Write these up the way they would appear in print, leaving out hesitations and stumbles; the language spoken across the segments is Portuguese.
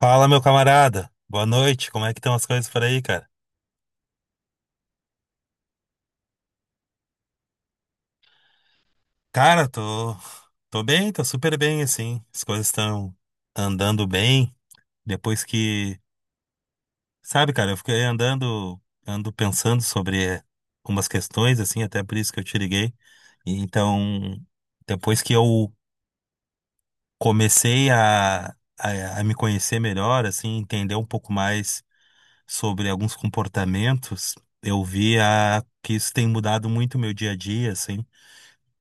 Fala, meu camarada. Boa noite. Como é que estão as coisas por aí, cara? Cara, tô bem, tô super bem assim. As coisas estão andando bem. Depois que, sabe, cara, eu fiquei andando ando pensando sobre umas questões assim, até por isso que eu te liguei. E então, depois que eu comecei a me conhecer melhor, assim, entender um pouco mais sobre alguns comportamentos, eu vi que isso tem mudado muito o meu dia a dia, assim.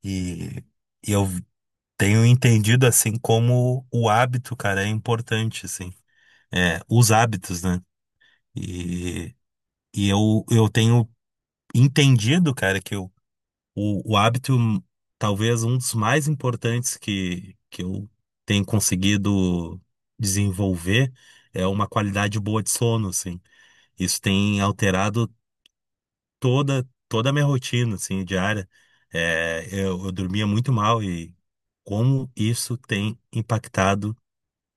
E, e eu tenho entendido assim como o hábito, cara, é importante, assim. É, os hábitos, né? E, e eu tenho entendido, cara, que o hábito, talvez um dos mais importantes que eu tenho conseguido desenvolver, é uma qualidade boa de sono, assim. Isso tem alterado toda a minha rotina assim diária. É, eu dormia muito mal, e como isso tem impactado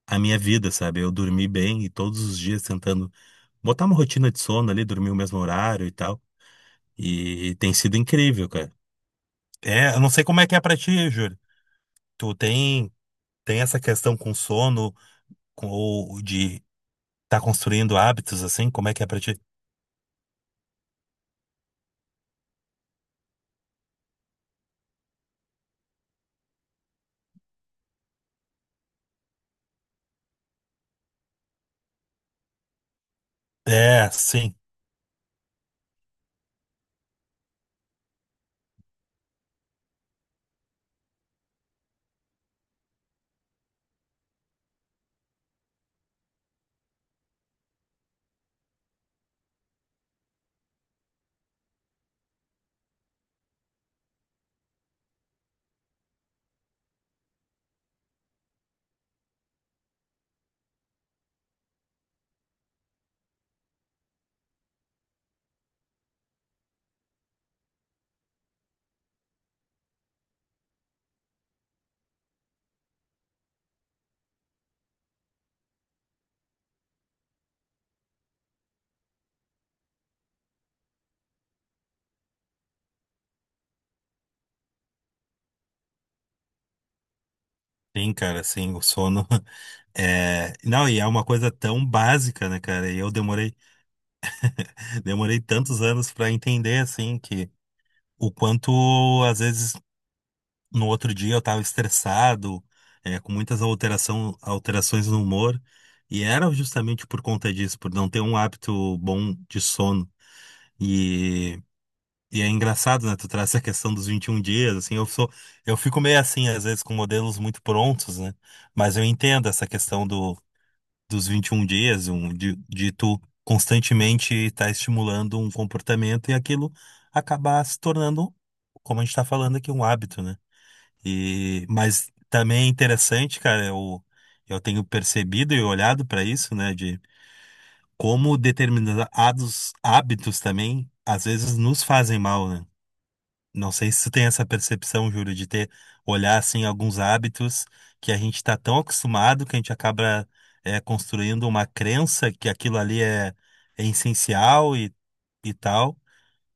a minha vida, sabe? Eu dormi bem e todos os dias tentando botar uma rotina de sono ali, dormir o mesmo horário e tal, e tem sido incrível, cara. É, eu não sei como é que é pra ti, Júlio. Tu tem essa questão com sono, com ou de tá construindo hábitos, assim? Como é que é pra ti? É, sim, sim, cara, sim, o sono. É, não, e é uma coisa tão básica, né, cara? E eu demorei tantos anos pra entender, assim, que o quanto, às vezes, no outro dia eu tava estressado, é, com muitas alterações no humor, e era justamente por conta disso, por não ter um hábito bom de sono. E, e é engraçado, né, tu traz essa questão dos 21 dias, assim, eu fico meio assim, às vezes, com modelos muito prontos, né? Mas eu entendo essa questão do dos 21 dias, um, de tu constantemente estar estimulando um comportamento e aquilo acabar se tornando, como a gente está falando aqui, um hábito, né? Mas também é interessante, cara, eu tenho percebido e olhado para isso, né, de como determinados hábitos também às vezes nos fazem mal, né? Não sei se tu tem essa percepção, Júlio, de ter olhar assim alguns hábitos que a gente está tão acostumado que a gente acaba é, construindo uma crença que aquilo ali é essencial e tal,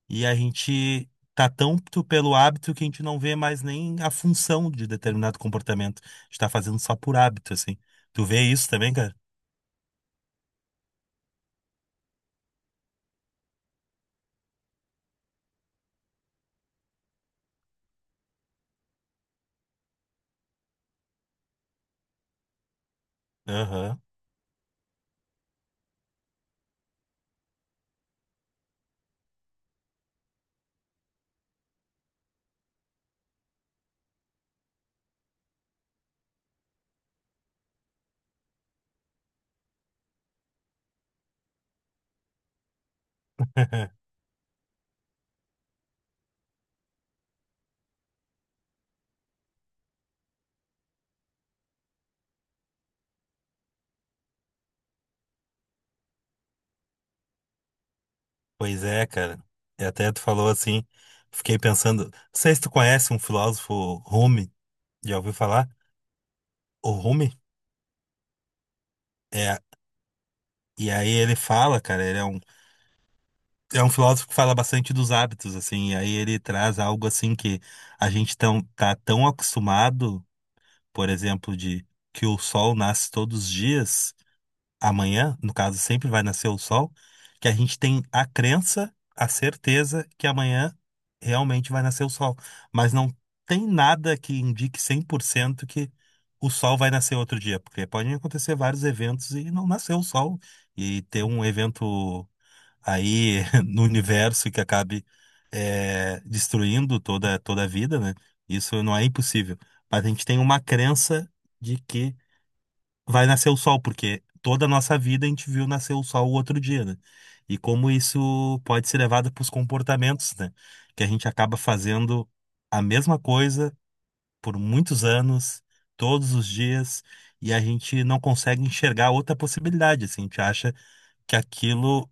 e a gente tá tanto pelo hábito que a gente não vê mais nem a função de determinado comportamento. A gente tá fazendo só por hábito, assim. Tu vê isso também, cara? Aham. Pois é, cara. E até tu falou assim, fiquei pensando, não sei se tu conhece um filósofo Rumi, já ouviu falar? O Rumi? É, e aí ele fala, cara, ele é um filósofo que fala bastante dos hábitos, assim, e aí ele traz algo assim que a gente tá tão acostumado, por exemplo, de que o sol nasce todos os dias, amanhã, no caso, sempre vai nascer o sol, que a gente tem a crença, a certeza que amanhã realmente vai nascer o sol. Mas não tem nada que indique 100% que o sol vai nascer outro dia, porque podem acontecer vários eventos e não nascer o sol, e ter um evento aí no universo que acabe destruindo toda a vida, né? Isso não é impossível. Mas a gente tem uma crença de que vai nascer o sol, porque toda a nossa vida a gente viu nascer o sol o outro dia, né? E como isso pode ser levado para os comportamentos, né? Que a gente acaba fazendo a mesma coisa por muitos anos, todos os dias, e a gente não consegue enxergar outra possibilidade, assim, a gente acha que aquilo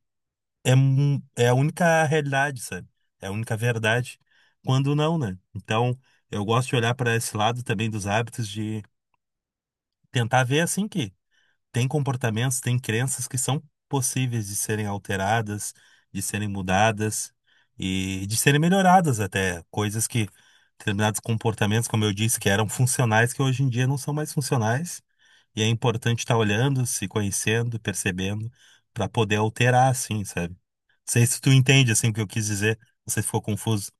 é a única realidade, sabe? É a única verdade, quando não, né? Então, eu gosto de olhar para esse lado também dos hábitos, de tentar ver assim que tem comportamentos, tem crenças que são possíveis de serem alteradas, de serem mudadas e de serem melhoradas até. Coisas que, determinados comportamentos, como eu disse, que eram funcionais, que hoje em dia não são mais funcionais. E é importante estar olhando, se conhecendo, percebendo, para poder alterar, assim, sabe? Não sei se tu entende, assim, o que eu quis dizer. Não sei se ficou confuso.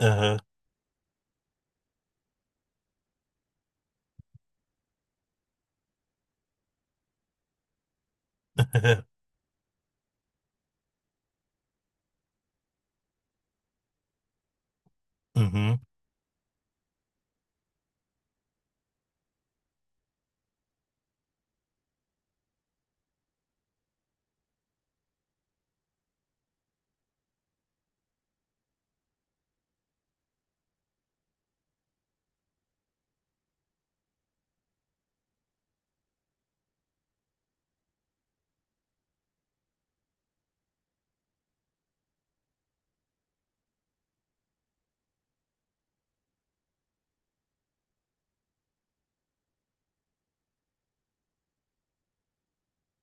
Aham. Uhum.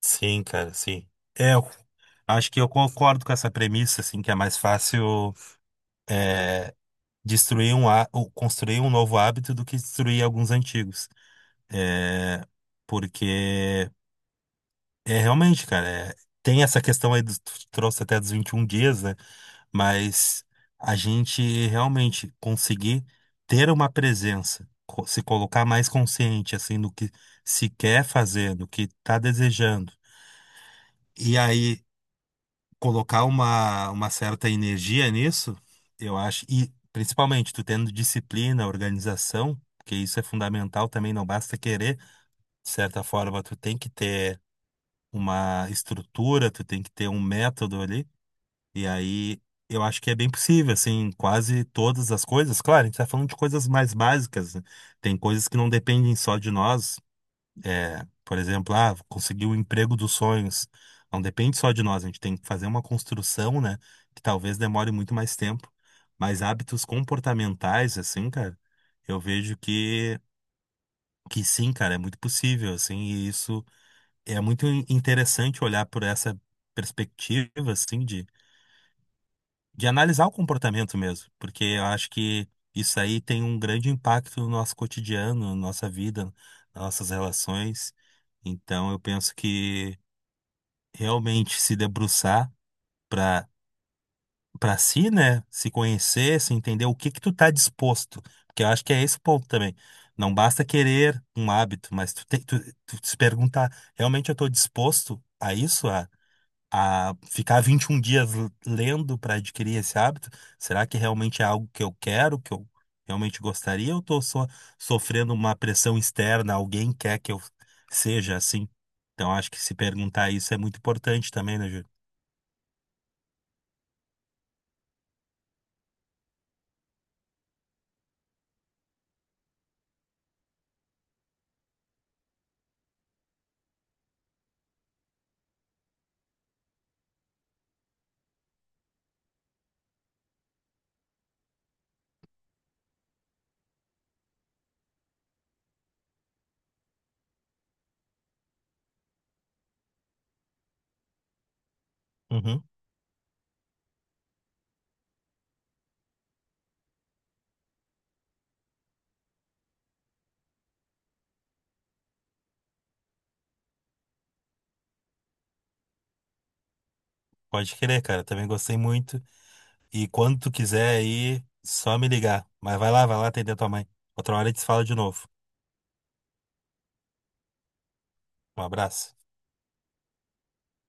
Sim, cara, sim. É, eu acho que eu concordo com essa premissa, assim, que é mais fácil. É, destruir ou construir um novo hábito do que destruir alguns antigos. É, porque é realmente, cara, é, tem essa questão aí, do tu trouxe até dos 21 dias, né? Mas a gente realmente conseguir ter uma presença, se colocar mais consciente, assim, no que se quer fazer, no que tá desejando. E aí colocar uma certa energia nisso, eu acho, e principalmente tu tendo disciplina, organização, porque isso é fundamental também, não basta querer, de certa forma, tu tem que ter uma estrutura, tu tem que ter um método ali, e aí eu acho que é bem possível, assim, quase todas as coisas, claro, a gente tá falando de coisas mais básicas, né? Tem coisas que não dependem só de nós, é, por exemplo, ah, conseguir o emprego dos sonhos. Não depende só de nós, a gente tem que fazer uma construção, né? Que talvez demore muito mais tempo. Mas hábitos comportamentais, assim, cara, eu vejo que sim, cara, é muito possível, assim, e isso é muito interessante olhar por essa perspectiva, assim, de analisar o comportamento mesmo, porque eu acho que isso aí tem um grande impacto no nosso cotidiano, na nossa vida, nas nossas relações. Então, eu penso que realmente se debruçar para para si, né? Se conhecer, se entender o que que tu tá disposto. Porque eu acho que é esse o ponto também. Não basta querer um hábito, mas tu se perguntar, realmente eu tô disposto a isso, a ficar 21 dias lendo para adquirir esse hábito? Será que realmente é algo que eu quero, que eu realmente gostaria, ou tô só sofrendo uma pressão externa, alguém quer que eu seja assim? Então acho que se perguntar isso é muito importante também, né, Júlio? Pode querer, cara. Também gostei muito. E quando tu quiser aí, só me ligar. Mas vai lá atender tua mãe. Outra hora a gente se fala de novo. Um abraço.